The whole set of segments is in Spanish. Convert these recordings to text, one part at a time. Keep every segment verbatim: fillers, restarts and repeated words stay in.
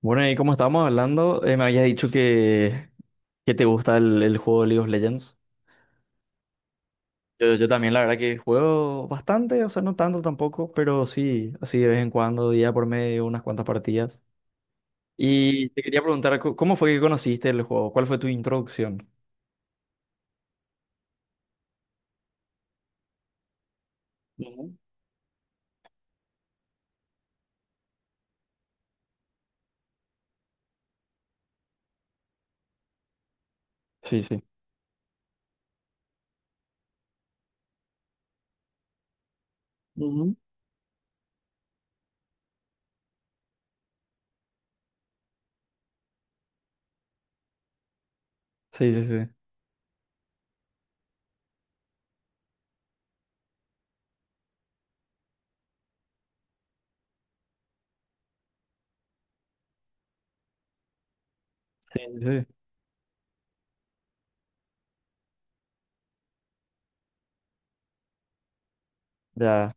Bueno, y como estábamos hablando, eh, me habías dicho que, que te gusta el, el juego League of Legends. Yo, yo también, la verdad que juego bastante, o sea, no tanto tampoco, pero sí, así de vez en cuando, día por medio, unas cuantas partidas. Y te quería preguntar, co- ¿cómo fue que conociste el juego? ¿Cuál fue tu introducción? Ujú. Sí, sí. Ujú. Sí, sí, sí. Sí, sí. Ya,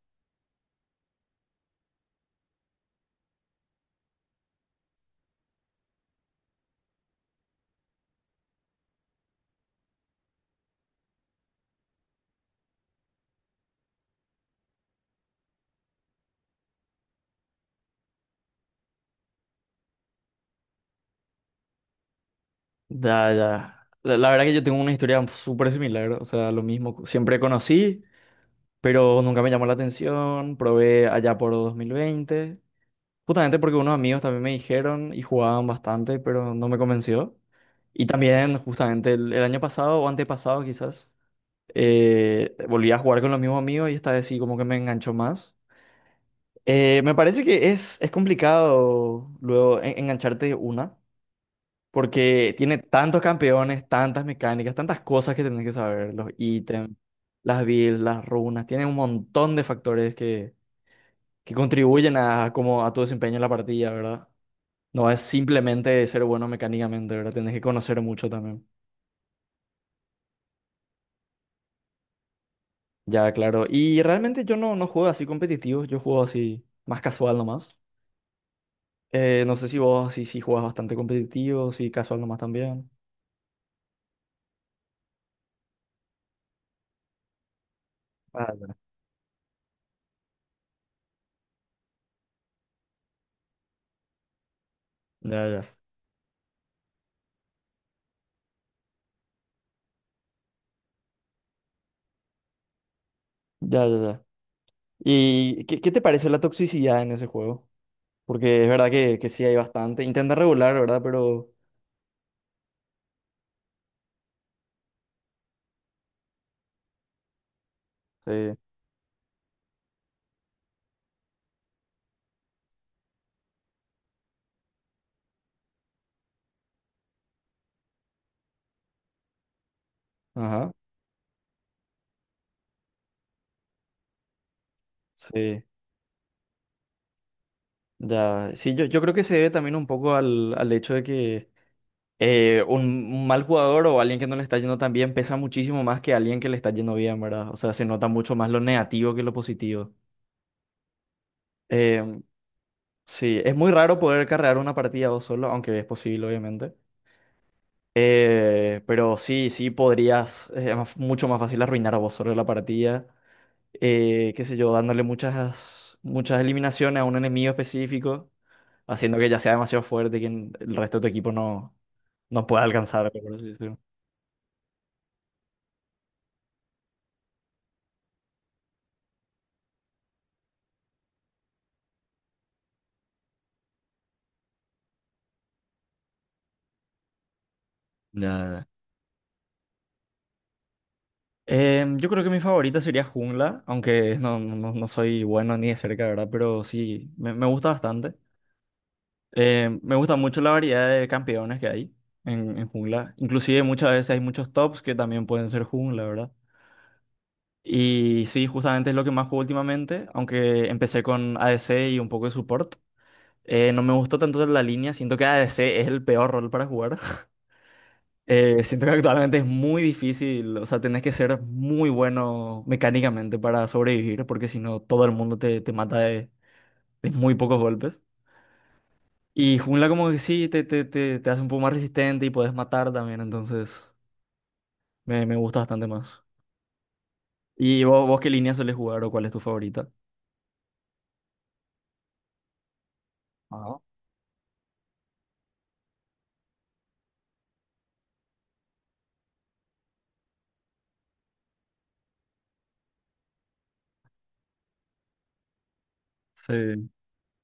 ya, ya. La, la verdad que yo tengo una historia súper similar, o sea, lo mismo. Siempre conocí, pero nunca me llamó la atención. Probé allá por dos mil veinte, justamente porque unos amigos también me dijeron y jugaban bastante, pero no me convenció. Y también justamente el, el año pasado o antepasado quizás, eh, volví a jugar con los mismos amigos y esta vez sí como que me enganchó más. Eh, me parece que es, es complicado luego en- engancharte de una, porque tiene tantos campeones, tantas mecánicas, tantas cosas que tenés que saber, los ítems, las builds, las runas, tiene un montón de factores que, que contribuyen a, como a tu desempeño en la partida, ¿verdad? No es simplemente ser bueno mecánicamente, ¿verdad? Tienes que conocer mucho también. Ya, claro. Y realmente yo no, no juego así competitivo, yo juego así más casual nomás. Eh, no sé si vos sí, sí juegas bastante competitivo, si casual nomás también. Ah, no. Ya, ya. Ya, ya, ya. ¿Y qué, qué te pareció la toxicidad en ese juego? Porque es verdad que, que sí hay bastante. Intenta regular, ¿verdad? Pero... Sí. Ajá. Sí. Ya, sí, yo, yo creo que se debe también un poco al, al hecho de que eh, un, un mal jugador o alguien que no le está yendo tan bien pesa muchísimo más que alguien que le está yendo bien, ¿verdad? O sea, se nota mucho más lo negativo que lo positivo. Eh, sí, es muy raro poder carrear una partida vos solo, aunque es posible, obviamente. Eh, pero sí, sí podrías, eh, es más- mucho más fácil arruinar vos solo la partida eh, qué sé yo, dándole muchas, muchas eliminaciones a un enemigo específico, haciendo que ya sea demasiado fuerte y que el resto de tu equipo no, no pueda alcanzar. Por así decirlo. Ya. Em, yo creo que mi favorita sería jungla, aunque no, no, no- no soy bueno ni de cerca, ¿verdad? Pero sí, me, me gusta bastante. Em, me gusta mucho la variedad de campeones que hay en, en jungla. Inclusive muchas veces hay muchos tops que también pueden ser jungla, ¿verdad? Y sí, justamente es lo que más juego últimamente, aunque empecé con A D C y un poco de support. Eh, no me gustó tanto la línea, siento que A D C es el peor rol para jugar. Eh, siento que actualmente es muy difícil, o sea, tenés que ser muy bueno mecánicamente para sobrevivir, porque si no, todo el mundo te, te mata de, de muy pocos golpes. Y jungla como que sí, te, te, te, te hace un poco más resistente y puedes matar también, entonces me, me gusta bastante más. ¿Y vos, vos qué línea sueles jugar o cuál es tu favorita? Ajá. Sí,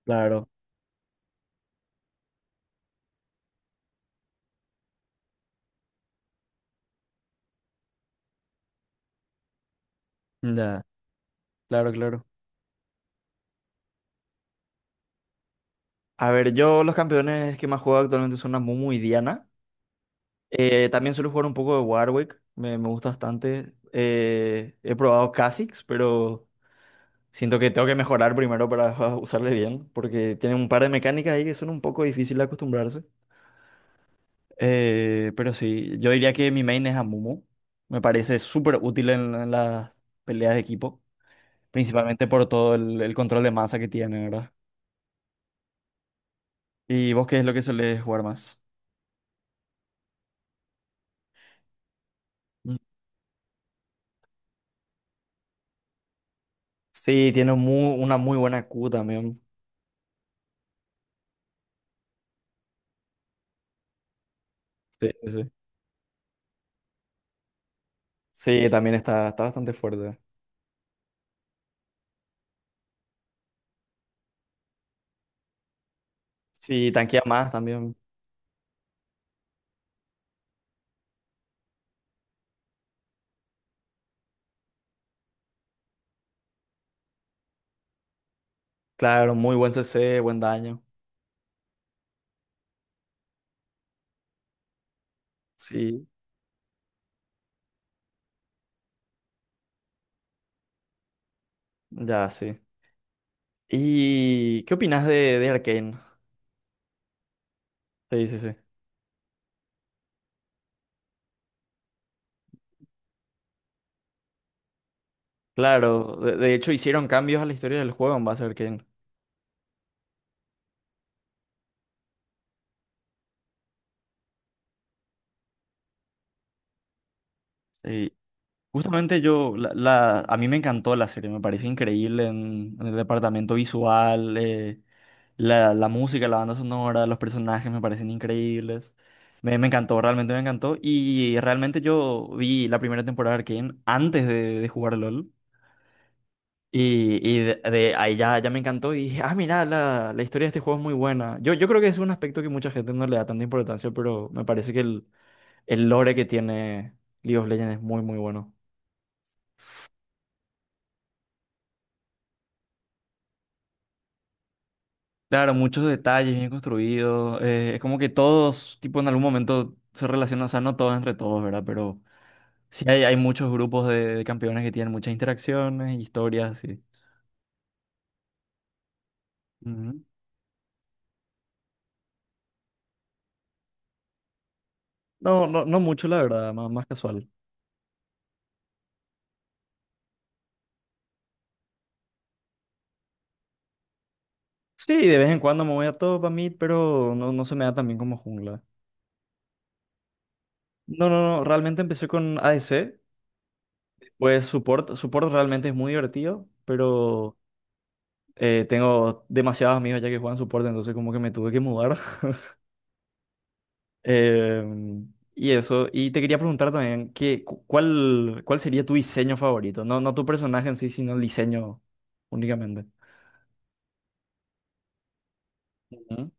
claro. Ya, claro, claro. A ver, yo los campeones que más juego actualmente son Amumu y Diana. Eh, también suelo jugar un poco de Warwick, me, me gusta bastante. Eh, he probado Kha'Zix, pero siento que tengo que mejorar primero para usarle bien, porque tienen un par de mecánicas ahí que son un poco difíciles de acostumbrarse. Eh, pero sí, yo diría que mi main es Amumu. Me parece súper útil en, en las peleas de equipo, principalmente por todo el, el control de masa que tiene, ¿verdad? ¿Y vos qué es lo que sueles jugar más? Sí, tiene mu- una muy buena Q también. Sí, sí. Sí. Sí, también está, está bastante fuerte. Sí, tanquea más también. Claro, muy buen C C, buen daño. Sí, ya, sí. ¿Y qué opinas de, de Arcane? Sí, sí, sí. Claro, de, de hecho hicieron cambios a la historia del juego en base a Arcane. Sí. Justamente yo, la, la- a mí me encantó la serie, me pareció increíble en, en el departamento visual, eh, La, la música, la banda sonora, los personajes me parecen increíbles. Me, me encantó, realmente me encantó. Y realmente yo vi la primera temporada de Arcane antes de, de jugar LOL. Y, y de, de ahí ya, ya me encantó y dije, ah, mira, la, la historia de este juego es muy buena. Yo, yo creo que es un aspecto que mucha gente no le da tanta importancia, pero me parece que el, el lore que tiene League of Legends es muy, muy bueno. Claro, muchos detalles bien construidos. Eh, es como que todos, tipo, en algún momento se relacionan, o sea, no todos entre todos, ¿verdad? Pero sí, hay, hay muchos grupos de, de campeones que tienen muchas interacciones, historias, sí. Ujú. No, no, no mucho, la verdad, más, más casual. Sí, de vez en cuando me voy a top, a mid, pero no, no se me da tan bien como jungla. No, no, no, realmente empecé con A D C, pues support, support realmente es muy divertido, pero eh, tengo demasiados amigos ya que juegan support, entonces como que me tuve que mudar. Eh, y eso, y te quería preguntar también, ¿qué, cu- cuál, cuál sería tu diseño favorito? No, no tu personaje en sí, sino el diseño únicamente. Ujú.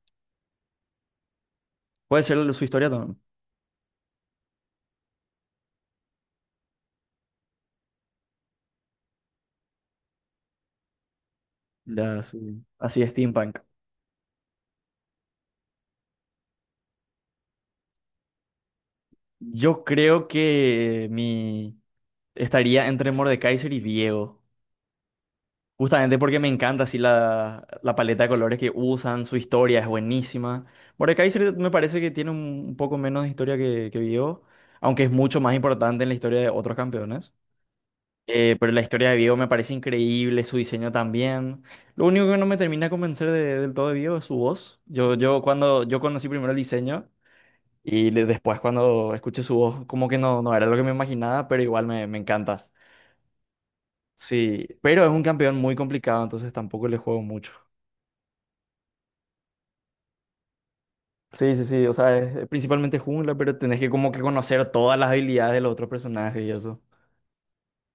Puede ser el de su historia también, ya, su- así steampunk. Yo creo que mi estaría entre Mordekaiser y viego justamente porque me encanta así la, la paleta de colores que usan, su historia es buenísima. Mordekaiser me parece que tiene un, un poco menos de historia que, que viego aunque es mucho más importante en la historia de otros campeones. Eh, pero la historia de Vivo me parece increíble, su diseño también. Lo único que no me termina de convencer de- del todo de Vivo es su voz. Yo, yo cuando yo conocí primero el diseño y le- después cuando escuché su voz, como que no, no era lo que me imaginaba, pero igual me, me encanta. Sí, pero es un campeón muy complicado, entonces tampoco le juego mucho. Sí, sí, sí, o sea, es, es principalmente jungla, pero tenés que como que conocer todas las habilidades de los otros personajes y eso,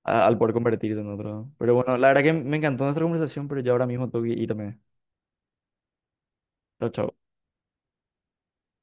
a- al poder convertirte en otro. Pero bueno, la verdad que me encantó nuestra conversación, pero yo ahora mismo tengo que irme. Chao, chao.